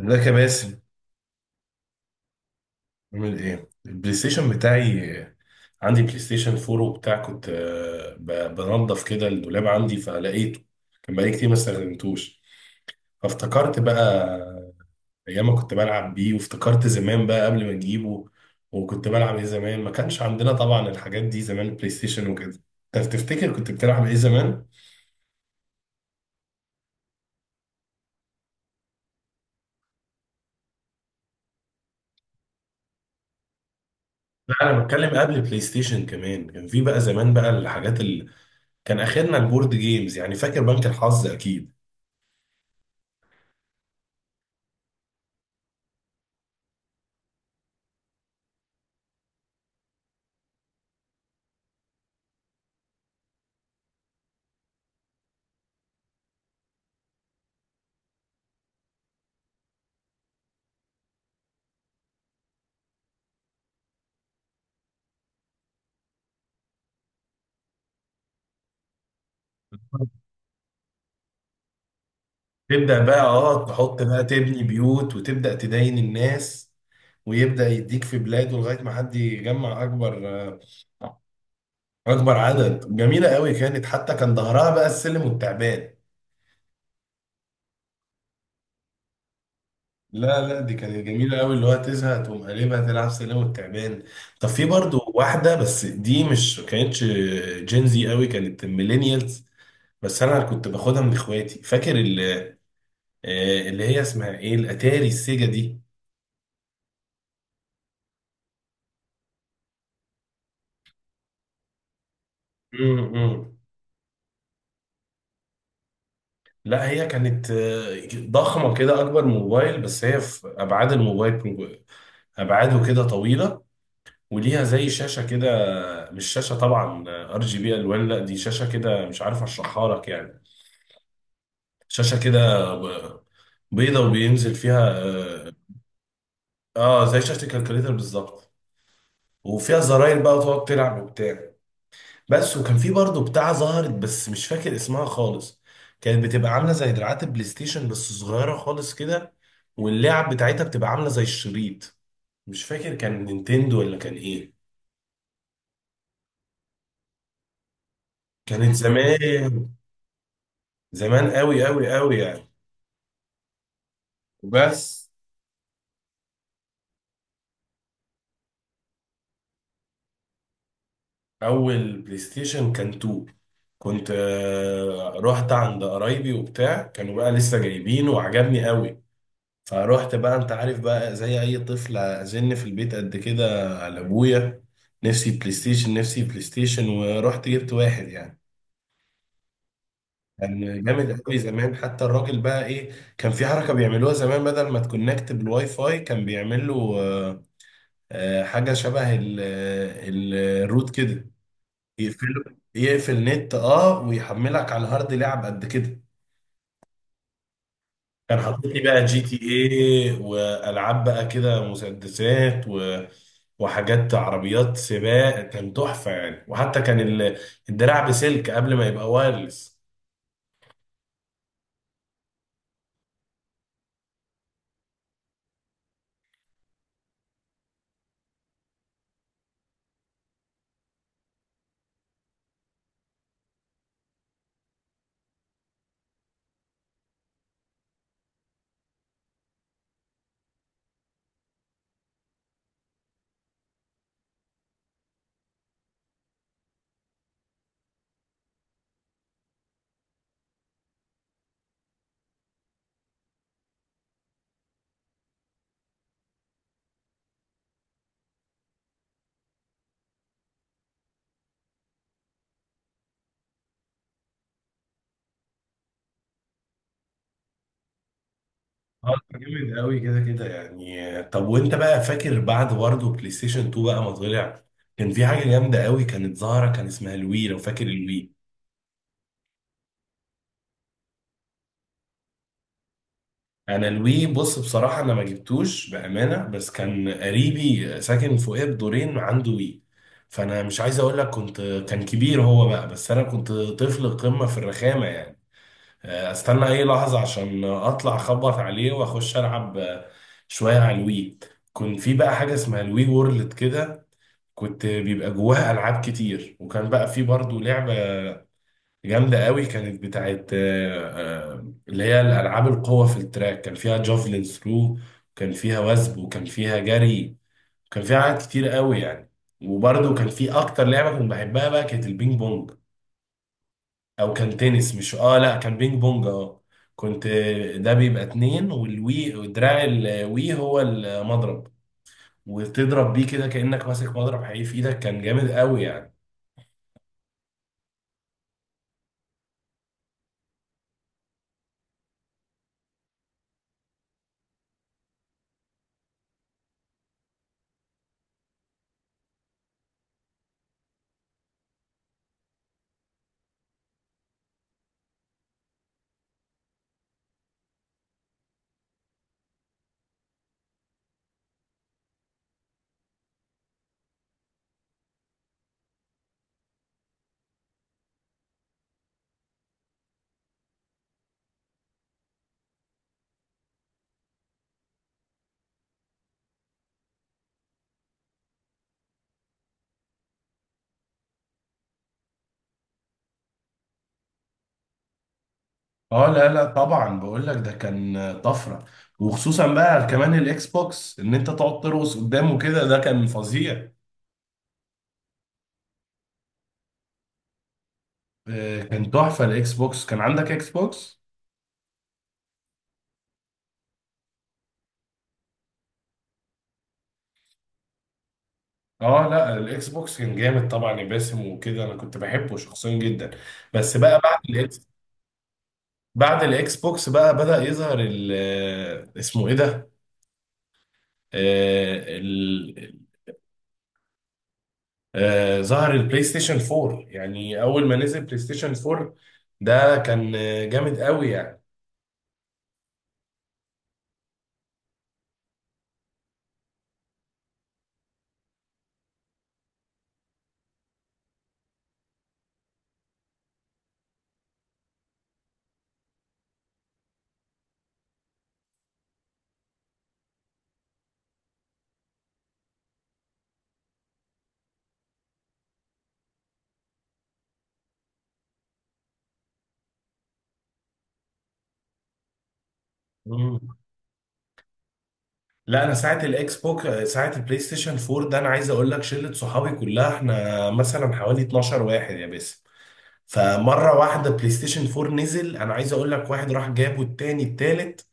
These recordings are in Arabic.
ازيك يا باسم؟ عامل ايه البلاي ستيشن بتاعي؟ عندي بلاي ستيشن 4 وبتاع. كنت بنضف كده الدولاب عندي فلقيته. كان بقالي كتير ما استخدمتوش، فافتكرت بقى ايام ما كنت بلعب بيه، وافتكرت زمان بقى قبل ما نجيبه. وكنت بلعب ايه زمان؟ ما كانش عندنا طبعا الحاجات دي زمان، البلاي ستيشن وكده. انت تفتكر كنت بتلعب ايه زمان؟ لا، انا بتكلم قبل بلاي ستيشن كمان. كان في بقى زمان بقى الحاجات اللي كان اخرنا البورد جيمز يعني، فاكر بنك الحظ اكيد؟ تبدأ بقى، اه، تحط بقى تبني بيوت وتبدأ تداين الناس، ويبدأ يديك في بلاده لغاية ما حد يجمع أكبر أكبر عدد. جميلة قوي كانت، حتى كان ظهرها بقى السلم والتعبان. لا لا، دي كانت جميلة قوي، اللي هو تزهق تقوم قلبها تلعب سلم والتعبان. طب في برضو واحدة، بس دي مش كانتش جينزي قوي، كانت ميلينيالز. بس أنا كنت باخدها من إخواتي، فاكر اللي هي اسمها إيه، الأتاري السيجا دي. مم، مم. لا، هي كانت ضخمة كده، أكبر موبايل، بس هي في أبعاد الموبايل. أبعاده كده طويلة، وليها زي شاشة كده. مش شاشة طبعا RGB ألوان، لا، دي شاشة كده مش عارف أشرحها لك يعني. شاشة كده ب- بيضة وبينزل فيها زي شاشة الكالكوليتر بالظبط. وفيها زراير بقى وتقعد تلعب وبتاع. بس، وكان في برضه بتاع ظهرت بس مش فاكر اسمها خالص. كانت بتبقى عامله زي دراعات البلاي ستيشن بس صغيره خالص كده، واللعب بتاعتها بتبقى عامله زي الشريط. مش فاكر كان نينتندو ولا كان ايه. كانت زمان، زمان قوي قوي قوي يعني. بس اول بلاي ستيشن كان 2. كنت رحت عند قرايبي وبتاع، كانوا بقى لسه جايبينه وعجبني قوي. فروحت بقى، انت عارف بقى زي اي طفل، ازن في البيت قد كده على ابويا: نفسي بلاي ستيشن، نفسي بلاي ستيشن، ورحت جبت واحد يعني. كان جامد قوي زمان، حتى الراجل بقى ايه، كان في حركه بيعملوها زمان بدل ما تكونكت بالواي فاي، كان بيعمل له آه، حاجه شبه الروت كده. يقفله، يقفل نت، اه، ويحملك على الهارد لعب قد كده. كان حاطط لي بقى GTA والعاب بقى كده، مسدسات و... وحاجات، عربيات سباق، كان تحفه يعني. وحتى كان ال... الدراع بسلك قبل ما يبقى وايرلس. اه كان جامد قوي كده كده يعني. طب وانت بقى فاكر بعد برضه بلاي ستيشن 2 بقى ما طلع، كان في حاجه جامده قوي كانت ظاهره، كان اسمها الوي؟ لو فاكر الوي، انا الوي بص بصراحه انا ما جبتوش بامانه، بس كان قريبي ساكن فوقيه بدورين عنده وي. فانا مش عايز اقول لك كنت، كان كبير هو بقى بس انا كنت طفل قمه في الرخامه يعني. استنى اي لحظه عشان اطلع اخبط عليه واخش العب شويه على الوي. كنت في بقى حاجه اسمها الوي وورلد كده، كنت بيبقى جواها العاب كتير. وكان بقى في برضه لعبه جامدة قوي، كانت بتاعت اللي هي الألعاب القوة في التراك. كان فيها جافلين ثرو، وكان فيها وثب، وكان فيها جري، وكان فيها حاجات كتير قوي يعني. وبرده كان في أكتر لعبة كنت بحبها بقى، كانت البينج بونج. أو كان تنس، مش لأ كان بينج بونج آه. كنت ده بيبقى اتنين، والوي ودراع الوي هو المضرب، وتضرب بيه كده كأنك ماسك مضرب حقيقي في إيدك. كان جامد قوي يعني. اه لا لا، طبعا بقول لك ده كان طفره. وخصوصا بقى كمان الاكس بوكس، ان انت تقعد ترقص قدامه كده، ده كان فظيع. كان تحفه الاكس بوكس. كان عندك اكس بوكس؟ اه لا، الاكس بوكس كان جامد طبعا يا باسم وكده، انا كنت بحبه شخصيا جدا. بس بقى بعد الاكس، بعد الاكس بوكس بقى بدأ يظهر ال اسمه ايه ده، آه، ال- ظهر البلاي ستيشن 4 يعني. اول ما نزل بلاي ستيشن 4 ده كان جامد قوي يعني. مم. لا انا ساعه الاكس بوك، ساعه البلاي ستيشن 4 ده، انا عايز اقول لك شله صحابي كلها، احنا مثلا حوالي 12 واحد يا باسم. فمره واحده بلاي ستيشن 4 نزل، انا عايز اقول لك واحد راح جابه، التاني، التالت،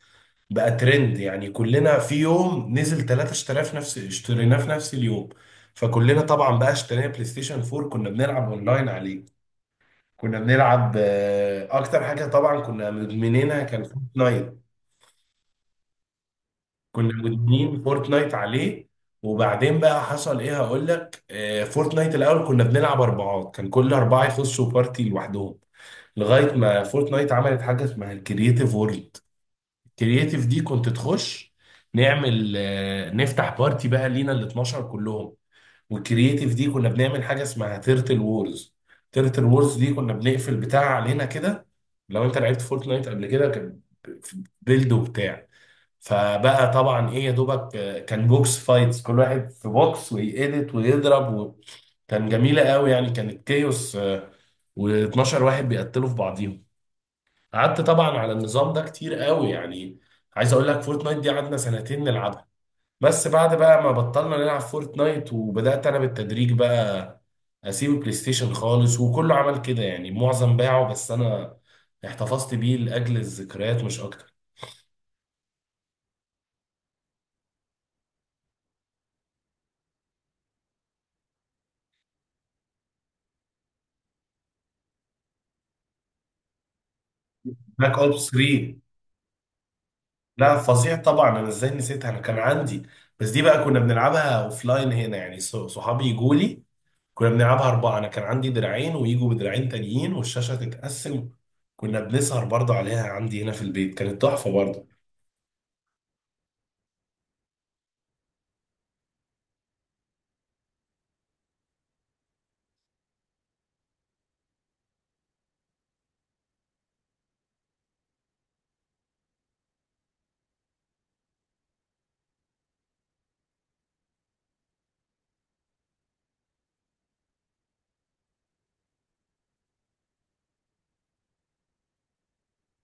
بقى ترند يعني. كلنا في يوم نزل ثلاثة اشتراف نفس اشتريناه في نفس اليوم. فكلنا طبعا بقى اشترينا بلاي ستيشن 4، كنا بنلعب اونلاين عليه. كنا بنلعب اكتر حاجه طبعا كنا مدمنينها كان فورتنايت. كنا مدمنين فورتنايت عليه. وبعدين بقى حصل ايه، هقول لك. فورتنايت الاول كنا بنلعب اربعات، كان كل اربعه يخشوا بارتي لوحدهم، لغايه ما فورتنايت عملت حاجه اسمها الكرييتيف وورلد. الكرييتيف دي كنت تخش، نعمل نفتح بارتي بقى لينا ال 12 كلهم. والكرييتيف دي كنا بنعمل حاجه اسمها تيرتل وورز. تيرتل وورز دي كنا بنقفل بتاع علينا كده، لو انت لعبت فورتنايت قبل كده كان بيلد وبتاع. فبقى طبعا ايه يا دوبك، كان بوكس فايتس، كل واحد في بوكس ويقلت ويضرب و... كان جميله قوي يعني، كانت كيوس. و12 واحد بيقتلوا في بعضيهم. قعدت طبعا على النظام ده كتير قوي يعني. عايز اقول لك فورتنايت دي قعدنا سنتين نلعبها. بس بعد بقى ما بطلنا نلعب فورتنايت، وبدات انا بالتدريج بقى اسيب البلاي ستيشن خالص، وكله عمل كده يعني، معظم باعه بس انا احتفظت بيه لاجل الذكريات مش اكتر. بلاك اوبس 3. لا فظيع طبعا، انا ازاي نسيتها، انا كان عندي. بس دي بقى كنا بنلعبها اوف لاين هنا يعني، صحابي يجوا لي. كنا بنلعبها اربعه، انا كان عندي دراعين ويجوا بدراعين تانيين والشاشه تتقسم. كنا بنسهر برضه عليها عندي هنا في البيت، كانت تحفه برضه.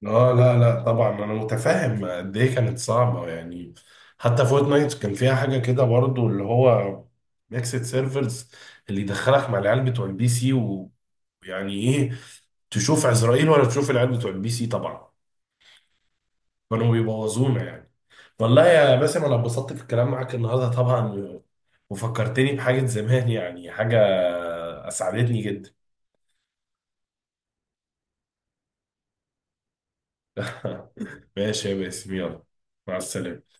اه لا لا، طبعا انا متفاهم قد ايه كانت صعبه يعني. حتى فورتنايت كان فيها حاجه كده برضه، اللي هو ميكسد سيرفرز، اللي يدخلك مع العيال بتوع الـPC. ويعني ايه، تشوف عزرائيل ولا تشوف العيال بتوع الـPC طبعا. كانوا بيبوظونا يعني. والله يا باسم انا اتبسطت في الكلام معاك النهارده طبعا، وفكرتني بحاجة زمان يعني، حاجة اسعدتني جدا. ماشي يا باسم، يلا، مع السلامة.